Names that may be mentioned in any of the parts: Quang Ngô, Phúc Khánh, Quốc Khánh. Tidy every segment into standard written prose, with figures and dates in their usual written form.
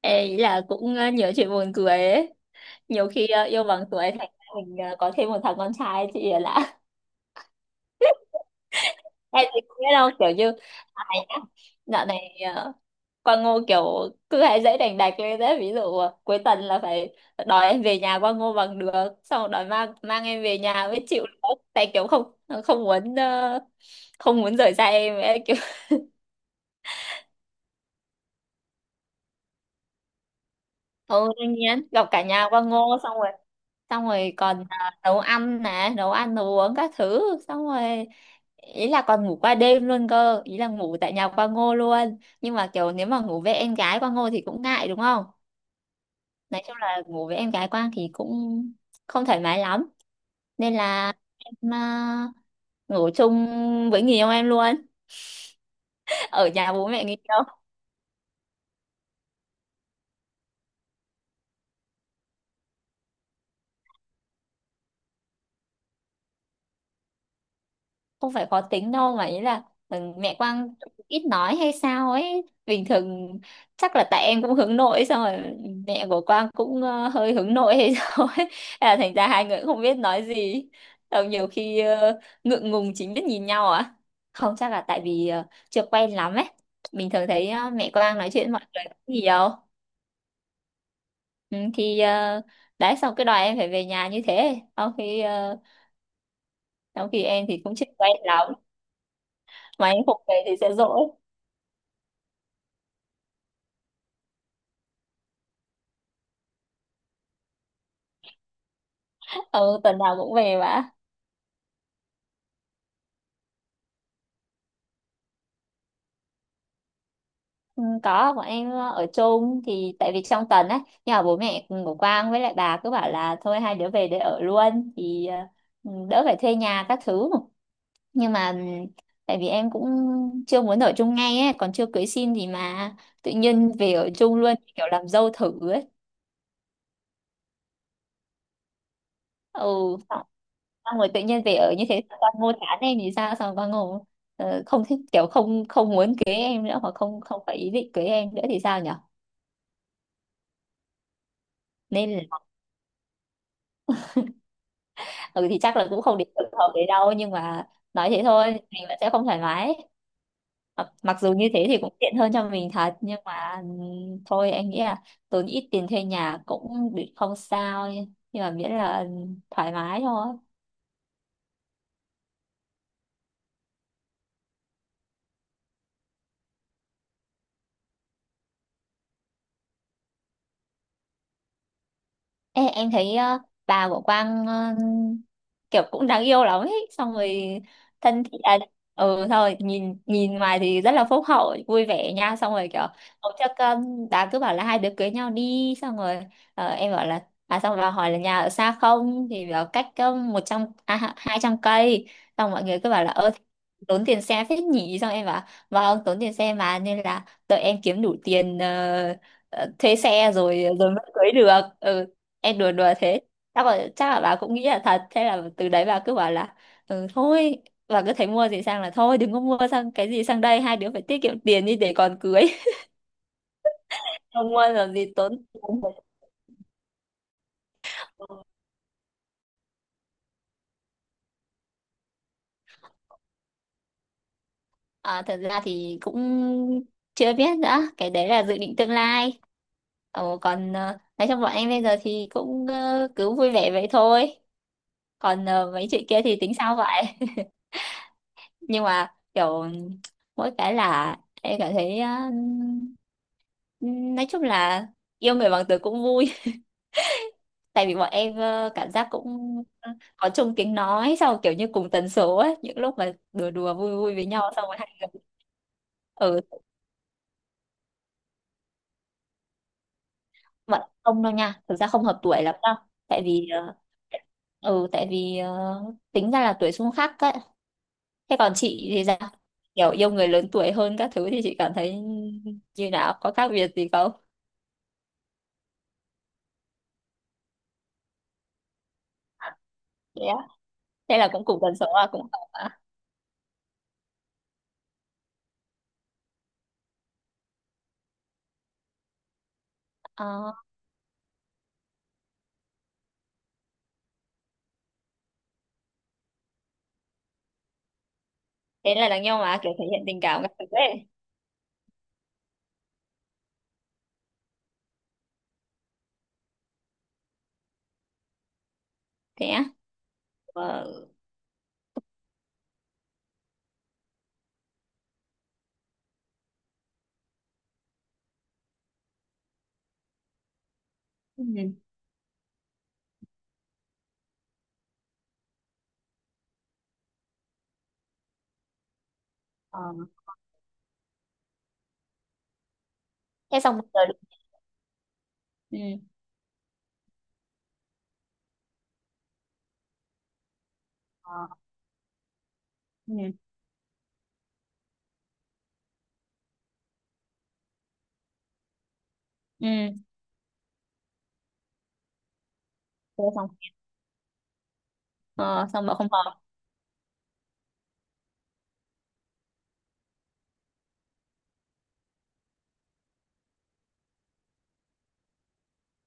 Ê, ý là cũng nhiều chuyện buồn cười ấy. Nhiều khi yêu bằng tuổi thành ra mình có thêm một thằng con trai chị là lạ. Em thì không biết đâu, kiểu như ai nhá. Dạo này Quang Ngô kiểu cứ hay dễ đành đạch lên đấy, ví dụ cuối tuần là phải đòi em về nhà Quang Ngô bằng được, xong rồi đòi mang mang em về nhà mới chịu nữa. Tại kiểu không không muốn không muốn rời xa em ấy. Kiểu ừ, đương nhiên gặp cả nhà Quang Ngô, xong rồi còn à, nấu ăn nè, nấu ăn nấu uống các thứ, xong rồi ý là còn ngủ qua đêm luôn cơ, ý là ngủ tại nhà qua ngô luôn, nhưng mà kiểu nếu mà ngủ với em gái qua ngô thì cũng ngại đúng không. Nói chung là ngủ với em gái Quang thì cũng không thoải mái lắm, nên là em à, ngủ chung với người yêu em luôn ở nhà bố mẹ người yêu. Không phải khó tính đâu mà ý là ừ, mẹ Quang ít nói hay sao ấy bình thường. Chắc là tại em cũng hướng nội ấy, xong rồi mẹ của Quang cũng hơi hướng nội hay sao ấy. Thế là thành ra hai người cũng không biết nói gì, xong nhiều khi ngượng ngùng chính biết nhìn nhau à, không chắc là tại vì chưa quen lắm ấy. Mình thường thấy mẹ Quang nói chuyện với mọi người cũng nhiều. Ừ, thì đấy, xong cái đòi em phải về nhà như thế, trong khi trong khi em thì cũng chưa quen lắm, mà em không về thì sẽ dỗi. Ừ, tuần nào cũng về mà. Ừ, có bọn em ở chung thì tại vì trong tuần á, nhà bố mẹ của Quang với lại bà cứ bảo là thôi hai đứa về để ở luôn thì ừ, đỡ phải thuê nhà các thứ, nhưng mà ừ, tại vì em cũng chưa muốn ở chung ngay ấy, còn chưa cưới xin gì mà tự nhiên về ở chung luôn, kiểu làm dâu thử ấy. Ừ, xong xong rồi tự nhiên về ở như thế, con mua chán em thì sao, xong con ngủ không thích, kiểu không không muốn cưới em nữa, hoặc không không phải ý định cưới em nữa thì sao nhở. Nên ừ thì chắc là cũng không đến được hợp đấy đâu, nhưng mà nói thế thôi, mình vẫn sẽ không thoải mái. Mặc mặc dù như thế thì cũng tiện hơn cho mình thật, nhưng mà thôi anh nghĩ là tốn ít tiền thuê nhà cũng bị không sao, nhưng mà miễn là thoải mái thôi. Ê, em thấy bà của Quang kiểu cũng đáng yêu lắm ấy, xong rồi thân thiện à, ừ thôi nhìn nhìn ngoài thì rất là phúc hậu vui vẻ nha, xong rồi kiểu hôm trước đã cứ bảo là hai đứa cưới nhau đi, xong rồi em bảo là à, xong rồi hỏi là nhà ở xa không thì bảo cách 100 à, 200 cây. Xong mọi người cứ bảo là ơ, tốn tiền xe phết nhỉ, xong em bảo vâng tốn tiền xe, mà nên là đợi em kiếm đủ tiền thuê xe rồi rồi mới cưới được, ừ em đùa đùa thế. Chắc là bà cũng nghĩ là thật. Thế là từ đấy bà cứ bảo là ừ, thôi, bà cứ thấy mua gì sang là thôi đừng có mua sang, cái gì sang đây hai đứa phải tiết kiệm tiền đi để còn cưới. Không mua làm gì tốn tiền. À, thật ra thì cũng chưa biết nữa, cái đấy là dự định tương lai. Ồ, còn nói chung bọn em bây giờ thì cũng cứ vui vẻ vậy thôi. Còn mấy chuyện kia thì tính sao vậy. Nhưng mà kiểu mỗi cái là em cảm thấy á, nói chung là yêu người bằng từ cũng vui. Tại vì bọn em cảm giác cũng có chung tiếng nói, sau kiểu như cùng tần số ấy, những lúc mà đùa đùa vui vui với nhau, xong rồi hai người ừ. Bọn không đâu nha, thực ra không hợp tuổi lắm đâu. Tại vì ừ tại vì ờ, tính ra là tuổi xung khắc ấy. Thế còn chị thì sao, kiểu yêu người lớn tuổi hơn các thứ thì chị cảm thấy như nào, có khác biệt gì không. Thế là cũng cùng tần số à, cũng hợp à. Ờ, thế là đáng nhau mà kiểu thể hiện tình cảm các thứ ấy. Thế á. Ờ. Ừ. Ờ. Thế xong rồi ừ. Ờ. Ừ. Ừ. Thế xong ờ, xong mà không hợp.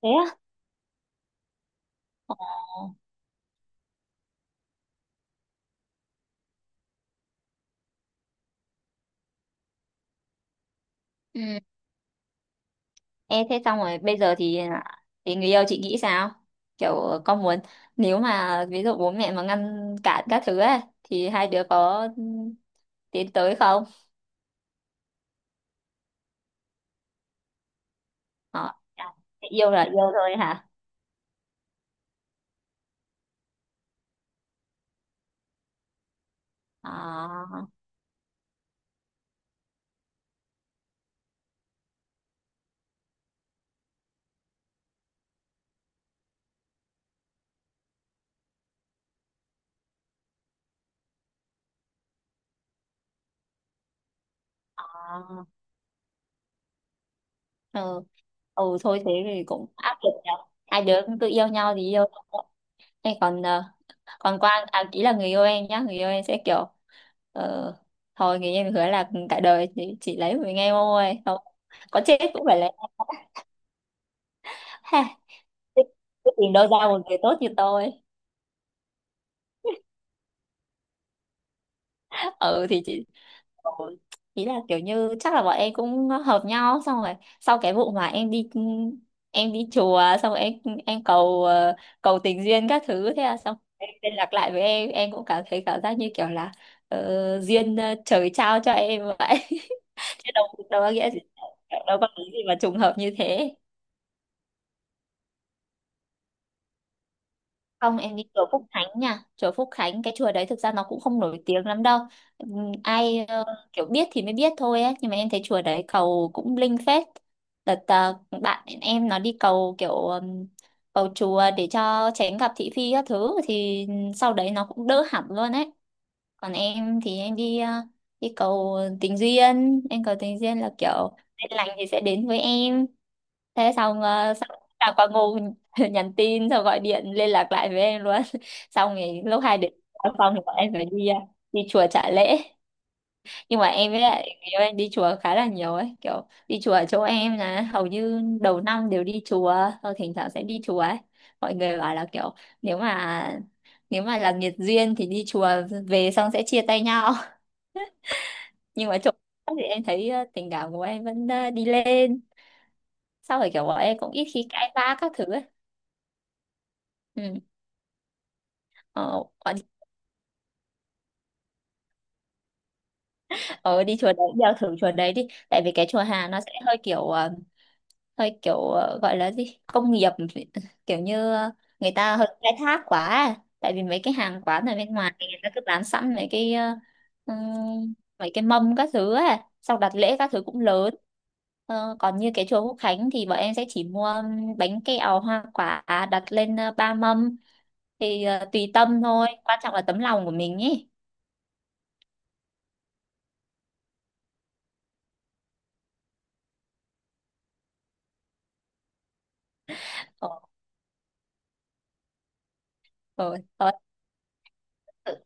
Thế á. Ờ. Ừ. Ê, thế xong rồi bây giờ thì à, thì người yêu chị nghĩ sao, kiểu con muốn, nếu mà ví dụ bố mẹ mà ngăn cản các thứ ấy thì hai đứa có ừ, tiến tới không. Ờ. À, yêu là yêu thôi hả. Ờ. Ừ. Ừ thôi thế thì cũng áp lực nhở, hai đứa cũng tự yêu nhau thì yêu thôi. Em còn còn Quang à, ý là người yêu em nhá, người yêu em sẽ kiểu ờ, thôi, người yêu em hứa là cả đời chỉ lấy của mình em thôi, không có chết cũng phải lấy. Ha, thế- thế tìm đâu ra một người tốt như tôi. Ừ thì chị. Ừ. Ý là kiểu như chắc là bọn em cũng hợp nhau, xong rồi sau cái vụ mà em đi, em đi chùa, xong rồi em cầu cầu tình duyên các thứ, thế là xong em liên lạc lại với em cũng cảm thấy cảm giác như kiểu là duyên trời trao cho em vậy. Chứ đâu, đâu có nghĩa gì, đâu có cái gì mà trùng hợp như thế. Không, em đi chùa Phúc Khánh nha. Chùa Phúc Khánh, cái chùa đấy thực ra nó cũng không nổi tiếng lắm đâu. Ai kiểu biết thì mới biết thôi ấy. Nhưng mà em thấy chùa đấy cầu cũng linh phết. Đợt bạn em nó đi cầu kiểu cầu chùa để cho tránh gặp thị phi các thứ. Thì sau đấy nó cũng đỡ hẳn luôn ấy. Còn em thì em đi đi cầu tình duyên. Em cầu tình duyên là kiểu duyên lành thì sẽ đến với em, thế xong xong là quả ngu nhắn tin xong gọi điện liên lạc lại với em luôn. Xong thì lúc hai đứa ở phòng thì bọn em phải đi đi chùa trả lễ. Nhưng mà em với lại người yêu em đi chùa khá là nhiều ấy, kiểu đi chùa ở chỗ em là hầu như đầu năm đều đi chùa, rồi thỉnh thoảng sẽ đi chùa ấy. Mọi người bảo là kiểu nếu mà là nghiệt duyên thì đi chùa về xong sẽ chia tay nhau. Nhưng mà chỗ thì em thấy tình cảm của em vẫn đi lên, sau rồi kiểu bọn em cũng ít khi cãi vã các thứ ấy. Ừ. Ờ, đi- ờ đi chùa đấy, đeo thử chùa đấy đi. Tại vì cái chùa Hà nó sẽ hơi kiểu hơi kiểu gọi là gì? Công nghiệp, kiểu như người ta hơi khai thác quá. À. Tại vì mấy cái hàng quán ở bên ngoài thì người ta cứ bán sẵn mấy cái mấy cái mâm các thứ á, xong đặt lễ các thứ cũng lớn. Ờ, còn như cái chùa Quốc Khánh thì bọn em sẽ chỉ mua bánh kẹo hoa quả đặt lên 3 mâm, thì tùy tâm thôi, quan trọng là tấm lòng của mình ý. Ờ, ờ, ờ.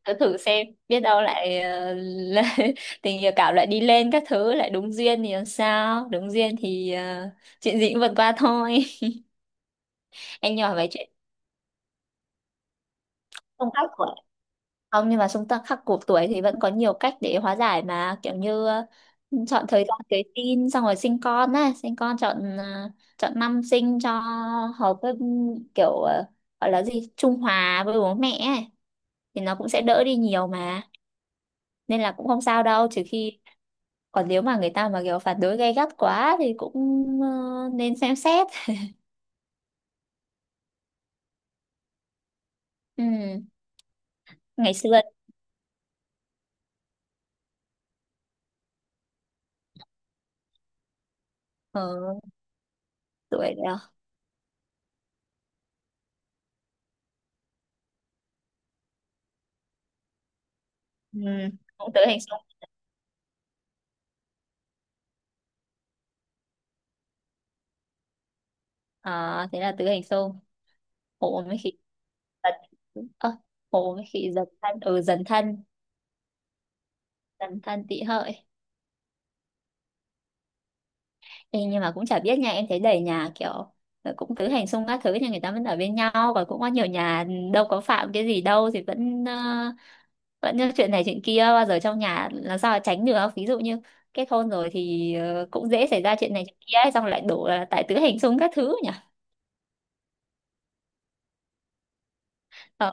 Cứ thử xem, biết đâu lại là- tình yêu cảm lại đi lên các thứ, lại đúng duyên thì làm sao, đúng duyên thì chuyện gì cũng vượt qua thôi. Anh nhỏ về chuyện xung khắc tuổi không, nhưng mà xung khắc khắc cuộc tuổi thì vẫn có nhiều cách để hóa giải mà, kiểu như chọn thời gian cưới tin, xong rồi sinh con á, sinh con chọn chọn năm sinh cho hợp với kiểu gọi là gì, trung hòa với bố mẹ ấy. Thì nó cũng sẽ đỡ đi nhiều mà, nên là cũng không sao đâu, trừ khi, còn nếu mà người ta mà kiểu phản đối gay gắt quá thì cũng ờ, nên xem xét. Ừ. Ngày xưa ờ, tuổi đó ừ. Cũng tử hình xung. À, thế là tử hình xung, hộ mấy khi giật ờ, hộ mấy khi dần thân, ừ dần thân, dần thân tị hợi. Ê, nhưng mà cũng chả biết nha, em thấy đầy nhà kiểu cũng tứ hành xung các thứ thì người ta vẫn ở bên nhau, và cũng có nhiều nhà ừ, đâu có phạm cái gì đâu thì vẫn vẫn như chuyện này chuyện kia, bao giờ trong nhà làm sao mà tránh được, ví dụ như kết hôn rồi thì cũng dễ xảy ra chuyện này chuyện kia ấy, xong lại đổ là tại tứ hành xung các thứ nhỉ. Ờ.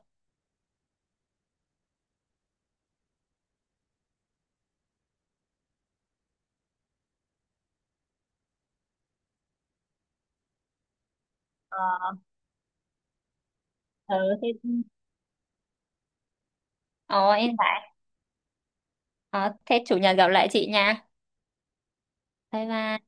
Ờ. Ờ, thế ờ em phải ờ, thế chủ nhật gặp lại chị nha, bye bye.